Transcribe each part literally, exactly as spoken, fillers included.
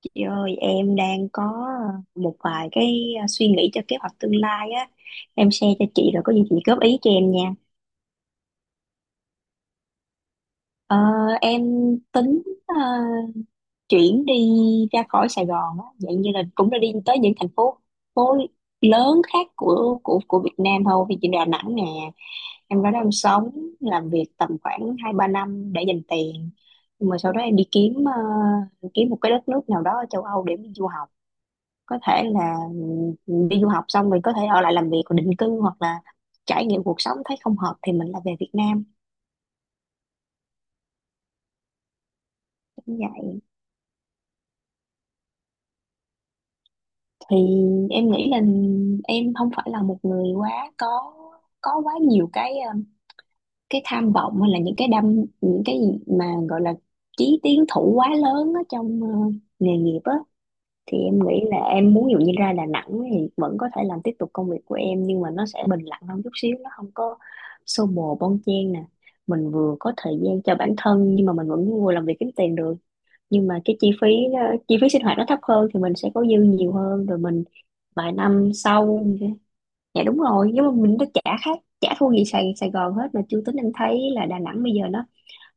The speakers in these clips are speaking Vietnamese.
Chị ơi, em đang có một vài cái à, suy nghĩ cho kế hoạch tương lai á. Em share cho chị rồi có gì chị góp ý cho em nha. Ờ, em tính ờ, chuyển đi ra khỏi Sài Gòn á, dạng như là cũng đã đi tới những thành phố phố lớn khác của của của Việt Nam thôi. Vì chị là Đà Nẵng nè, em ra đó em sống, làm việc tầm khoảng hai ba năm để dành tiền. Nhưng mà sau đó em đi kiếm ờ, kiếm một cái đất nước nào đó ở châu Âu để mình du học, có thể là mình đi du học xong mình có thể ở lại làm việc và định cư, hoặc là trải nghiệm cuộc sống thấy không hợp thì mình lại về Việt Nam cũng vậy. Thì em nghĩ là em không phải là một người quá có có quá nhiều cái um, cái tham vọng hay là những cái đam những cái gì mà gọi là chí tiến thủ quá lớn ở trong uh, nghề nghiệp á. Thì em nghĩ là em muốn, ví dụ như ra Đà Nẵng thì vẫn có thể làm tiếp tục công việc của em, nhưng mà nó sẽ bình lặng hơn chút xíu, nó không có xô bồ bon chen nè. Mình vừa có thời gian cho bản thân nhưng mà mình vẫn vừa làm việc kiếm tiền được, nhưng mà cái chi phí nó- chi phí sinh hoạt nó thấp hơn, thì mình sẽ có dư nhiều hơn rồi mình vài năm sau, dạ đúng rồi, nhưng mà mình đã trả khác trả thua gì Sài Sài Gòn hết mà. Chưa tính em thấy là Đà Nẵng bây giờ nó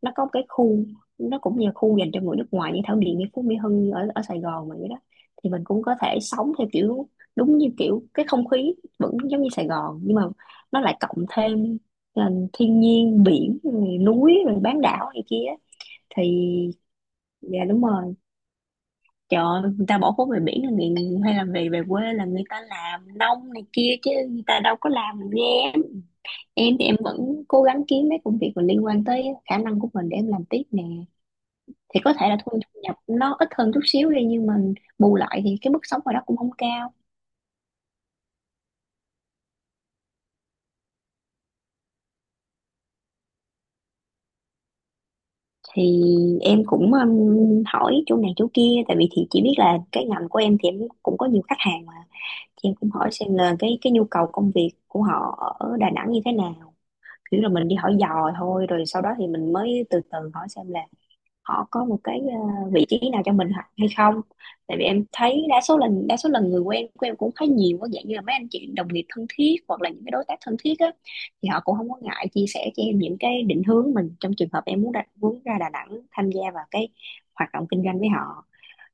nó có một cái khu, nó cũng như khu dành cho người nước ngoài như Thảo Điền, như Phú Mỹ Hưng, như ở ở Sài Gòn mà vậy đó. Thì mình cũng có thể sống theo kiểu đúng như kiểu cái không khí vẫn giống như Sài Gòn, nhưng mà nó lại cộng thêm ờ, thiên nhiên biển rồi núi rồi bán đảo này kia thì, dạ đúng rồi. Trời ơi, người ta bỏ phố về biển là người, hay là về về quê là người ta làm nông này kia, chứ người ta đâu có làm nghe. Em thì em vẫn cố gắng kiếm mấy công việc mà liên quan tới khả năng của mình để em làm tiếp nè. Thì có thể là thu thu nhập nó ít hơn chút xíu đi, nhưng mà bù lại thì cái mức sống ở đó cũng không cao. Thì em cũng um, hỏi chỗ này chỗ kia, tại vì thì chỉ biết là cái ngành của em thì em cũng có nhiều khách hàng mà, thì em cũng hỏi xem là cái cái nhu cầu công việc của họ ở Đà Nẵng như thế nào. Kiểu là mình đi hỏi dò thôi, rồi sau đó thì mình mới từ từ hỏi xem là họ có một cái ờ, vị trí nào cho mình hoặc- hay không. Tại vì em thấy đa số lần đa số lần người quen của em cũng khá nhiều, có dạng như là mấy anh chị đồng nghiệp thân thiết hoặc là những cái đối tác thân thiết á, thì họ cũng không có ngại chia sẻ cho em những cái định hướng mình trong trường hợp em muốn ra, muốn ra Đà Nẵng tham gia vào cái hoạt động kinh doanh với họ.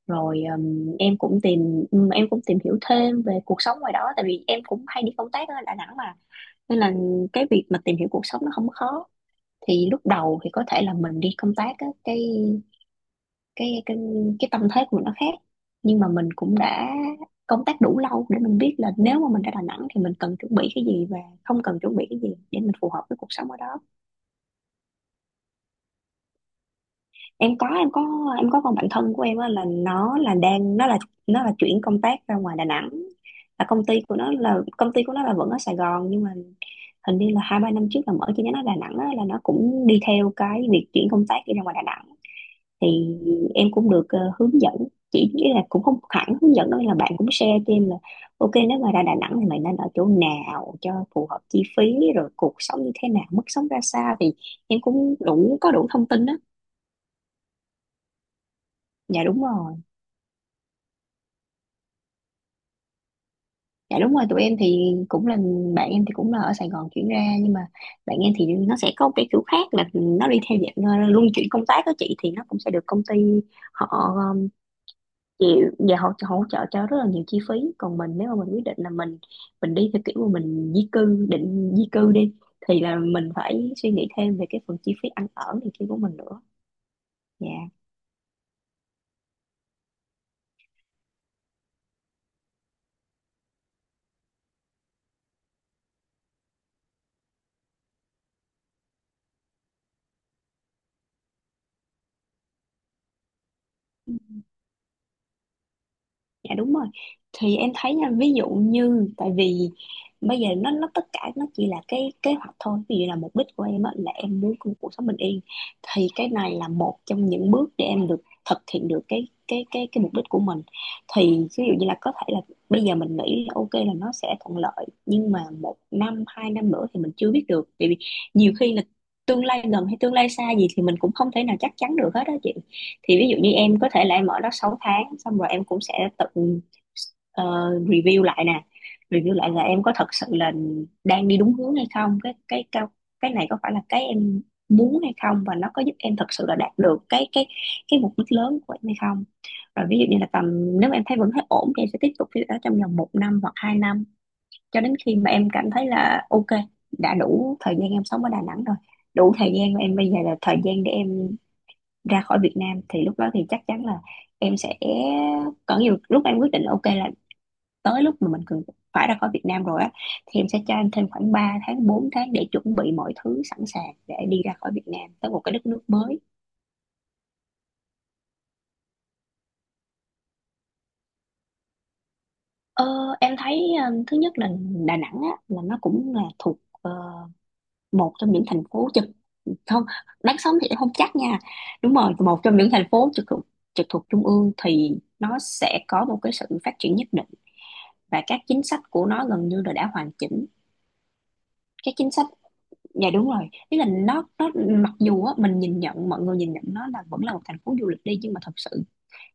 Rồi ừm, em cũng tìm ừm, em cũng tìm hiểu thêm về cuộc sống ngoài đó, tại vì em cũng hay đi công tác ở Đà Nẵng mà, nên là cái việc mà tìm hiểu cuộc sống nó không có khó. Thì lúc đầu thì có thể là mình đi công tác á, cái cái cái cái tâm thế của mình nó khác, nhưng mà mình cũng đã công tác đủ lâu để mình biết là nếu mà mình ra Đà Nẵng thì mình cần chuẩn bị cái gì và không cần chuẩn bị cái gì để mình phù hợp với cuộc sống ở đó. Em có em có em có con bạn thân của em á, là nó là đang nó là nó là chuyển công tác ra ngoài Đà Nẵng. Là công ty của nó là công ty của nó là vẫn ở Sài Gòn nhưng mà hình như là hai ba năm trước là mở chi nhánh ở Đà Nẵng á, là nó cũng đi theo cái việc chuyển công tác đi ra ngoài Đà Nẵng. Thì em cũng được ờ, hướng dẫn, chỉ nghĩa là cũng không hẳn hướng dẫn đâu, là bạn cũng share cho em là ok nếu mà ra Đà Nẵng thì mày nên ở chỗ nào cho phù hợp chi phí, rồi cuộc sống như thế nào, mức sống ra sao, thì em cũng đủ có đủ thông tin đó. Dạ đúng rồi, dạ đúng rồi. Tụi em thì cũng là, bạn em thì cũng là ở Sài Gòn chuyển ra, nhưng mà bạn em thì nó sẽ có một cái kiểu khác, là nó đi theo dạng ờ, luân chuyển công tác đó chị, thì nó cũng sẽ được công ty họ chịu và hỗ, hỗ trợ cho rất là nhiều chi phí. Còn mình, nếu mà mình quyết định là mình mình đi theo kiểu mà mình di cư định di cư đi, thì là mình phải suy nghĩ thêm về cái phần chi phí ăn ở này kia của mình nữa. Dạ, dạ đúng rồi. Thì em thấy nha, ví dụ như tại vì bây giờ nó nó tất cả nó chỉ là cái kế hoạch thôi. Ví dụ là mục đích của em á, là em muốn có một cuộc sống bình yên, thì cái này là một trong những bước để em được thực hiện được cái cái cái cái mục đích của mình. Thì ví dụ như là có thể là bây giờ mình nghĩ là ok là nó sẽ thuận lợi, nhưng mà một năm hai năm nữa thì mình chưa biết được, vì nhiều khi là tương lai gần hay tương lai xa gì thì mình cũng không thể nào chắc chắn được hết đó chị. Thì ví dụ như em có thể là em ở đó sáu tháng, xong rồi em cũng sẽ tự ờ, review lại nè. Review lại là em có thật sự là đang đi đúng hướng hay không, cái cái cái cái này có phải là cái em muốn hay không, và nó có giúp em thật sự là đạt được cái cái cái mục đích lớn của em hay không. Rồi ví dụ như là tầm, nếu mà em thấy vẫn thấy ổn thì em sẽ tiếp tục cái đó trong vòng một năm hoặc hai năm, cho đến khi mà em cảm thấy là ok, đã đủ thời gian em sống ở Đà Nẵng rồi, đủ thời gian mà em bây giờ là thời gian để em ra khỏi Việt Nam, thì lúc đó thì chắc chắn là em sẽ có nhiều lúc em quyết định ok là tới lúc mà mình cần phải ra khỏi Việt Nam rồi á, thì em sẽ cho anh thêm khoảng ba tháng bốn tháng để chuẩn bị mọi thứ sẵn sàng để đi ra khỏi Việt Nam tới một cái đất nước mới. Ờ, em thấy ờ, thứ nhất là Đà Nẵng á là nó cũng là thuộc ờ, một trong những thành phố trực. Không, đáng sống thì em không chắc nha. Đúng rồi, một trong những thành phố trực thuộc trực thuộc trung ương thì nó sẽ có một cái sự phát triển nhất định, và các chính sách của nó gần như là đã hoàn chỉnh các chính sách. Dạ đúng rồi, ý là nó nó mặc dù á, mình nhìn nhận mọi người nhìn nhận nó là vẫn là một thành phố du lịch đi, nhưng mà thật sự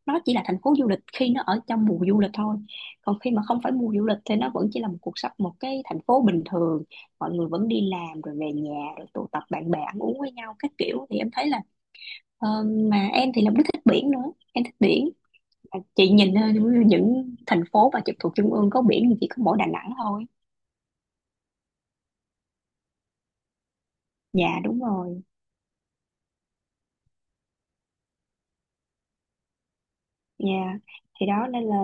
nó chỉ là thành phố du lịch khi nó ở trong mùa du lịch thôi, còn khi mà không phải mùa du lịch thì nó vẫn chỉ là một cuộc sống một cái thành phố bình thường. Mọi người vẫn đi làm rồi về nhà rồi tụ tập bạn bè ăn uống với nhau các kiểu, thì em thấy là ờ, mà em thì là cũng thích biển nữa, em thích biển. Chị nhìn ờ, những thành phố mà trực thuộc trung ương có biển thì chỉ có mỗi Đà Nẵng thôi. Dạ đúng rồi. Dạ. Thì đó nên là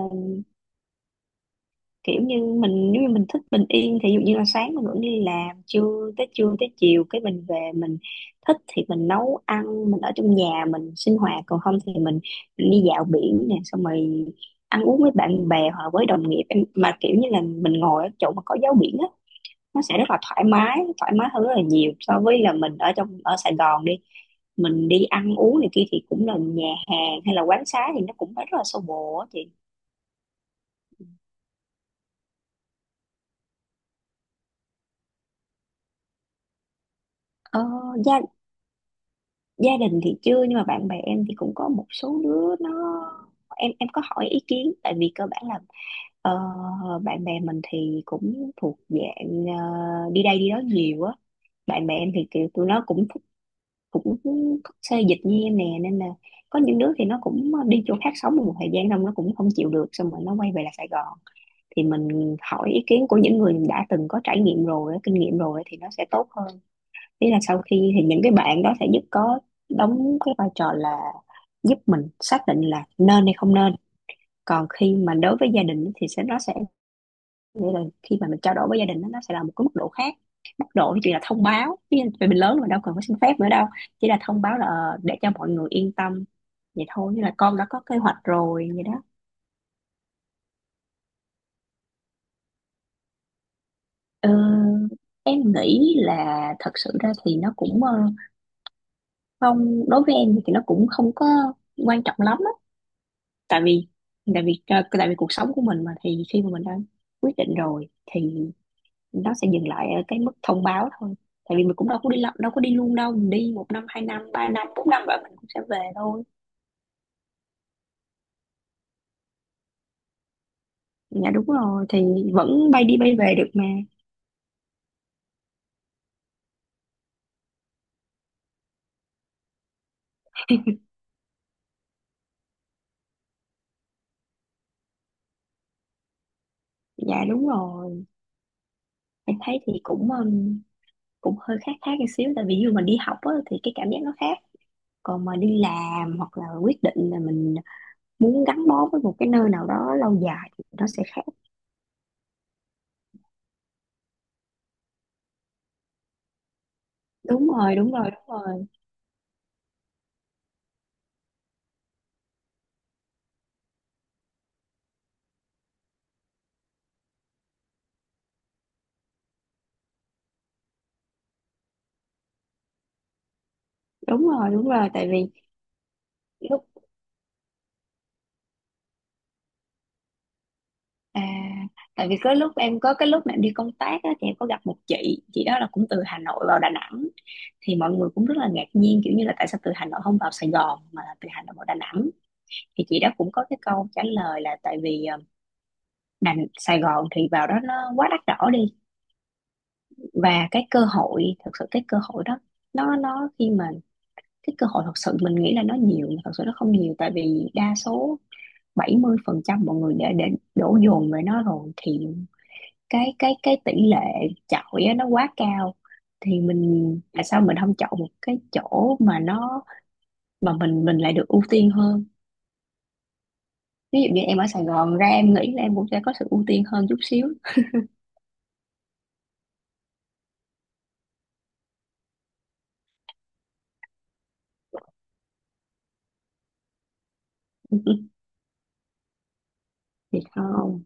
kiểu như mình nếu như mình thích bình yên thì ví dụ như là sáng mình vẫn đi làm, trưa tới trưa tới chiều cái mình về mình thích thì mình nấu ăn, mình ở trong nhà mình sinh hoạt, còn không thì mình đi dạo biển nè, xong rồi ăn uống với bạn bè hoặc là với đồng nghiệp. Em mà kiểu như là mình ngồi ở chỗ mà có gió biển á, nó sẽ rất là thoải mái, thoải mái hơn rất là nhiều so với là mình ở trong ở Sài Gòn đi. Mình đi ăn uống này kia thì cũng là nhà hàng hay là quán xá thì nó cũng phải rất là xô bồ á chị. Ờ, gia gia đình thì chưa, nhưng mà bạn bè em thì cũng có một số đứa nó, em em có hỏi ý kiến, tại vì cơ bản là ờ, bạn bè mình thì cũng thuộc dạng, ờ, đi đây đi đó nhiều á. Bạn bè em thì kiểu tụi nó cũng thích- cũng thích xê dịch như em nè, nên là có những đứa thì nó cũng đi chỗ khác sống một thời gian, xong nó cũng không chịu được, xong rồi nó quay về là Sài Gòn. Thì mình hỏi ý kiến của những người đã từng có trải nghiệm rồi á, kinh nghiệm rồi á, thì nó sẽ tốt hơn. Ý là sau khi thì những cái bạn đó sẽ giúp có đóng cái vai trò là giúp mình xác định là nên hay không nên. Còn khi mà đối với gia đình thì sẽ nó sẽ, nghĩa là khi mà mình trao đổi với gia đình đó, nó sẽ là một cái mức độ khác. Mức độ thì chỉ là thông báo, ví vì mình lớn rồi đâu cần phải xin phép nữa đâu, chỉ là thông báo là, ờ, để cho mọi người yên tâm vậy thôi, như là con đã có kế hoạch rồi vậy đó. Ừ, em nghĩ là thật sự ra thì nó cũng, ờ, không, đối với em thì nó cũng không có quan trọng lắm á. Tại vì tại vì ờ, tại vì cuộc sống của mình mà, thì khi mà mình đã quyết định rồi thì nó sẽ dừng lại ở cái mức thông báo thôi. Tại vì mình cũng đâu có đi lo- đâu có đi luôn đâu, mình đi một năm hai năm ba năm bốn năm rồi mình cũng sẽ về thôi. Dạ đúng rồi, thì vẫn bay đi bay về được mà. Dạ đúng rồi, em thấy thì cũng um, cũng hơi khác khác một xíu, tại vì dù mình đi học á, thì cái cảm giác nó khác, còn mà đi làm hoặc là quyết định là mình muốn gắn bó với một cái nơi nào đó lâu dài thì nó sẽ khác. Đúng rồi, đúng rồi, đúng rồi. Đúng rồi, đúng rồi. Tại vì lúc, à, tại vì có lúc em có cái lúc mà em đi công tác á, thì em có gặp một chị chị đó là cũng từ Hà Nội vào Đà Nẵng. Thì mọi người cũng rất là ngạc nhiên, kiểu như là tại sao từ Hà Nội không vào Sài Gòn mà là từ Hà Nội vào Đà Nẵng. Thì chị đó cũng có cái câu trả lời là tại vì, ờ, Đà Sài Gòn thì vào đó nó quá đắt đỏ đi, và cái cơ hội thật sự, cái cơ hội đó nó nó khi mà cái cơ hội thật sự mình nghĩ là nó nhiều mà thật sự nó không nhiều, tại vì đa số bảy mươi phần trăm mọi người đã, đã đổ dồn về nó rồi, thì cái cái cái tỷ lệ chọi á, nó quá cao. Thì mình tại sao mình không chọn một cái chỗ mà nó, mà mình mình lại được ưu tiên hơn. Ví dụ như em ở Sài Gòn ra em nghĩ là em cũng sẽ có sự ưu tiên hơn chút xíu. Thì không.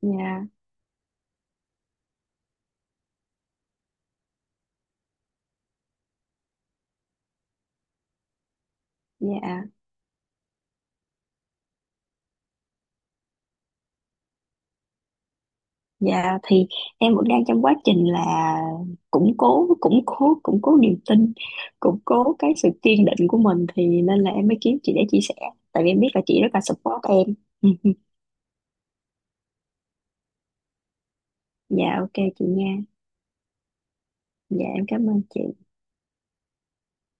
Dạ, dạ, dạ. Thì em vẫn đang trong quá trình là củng cố củng cố củng cố niềm tin, củng cố cái sự kiên định của mình, thì nên là em mới kiếm chị để chia sẻ, tại vì em biết là chị rất là support em. Dạ ok chị nha. Dạ em cảm ơn chị.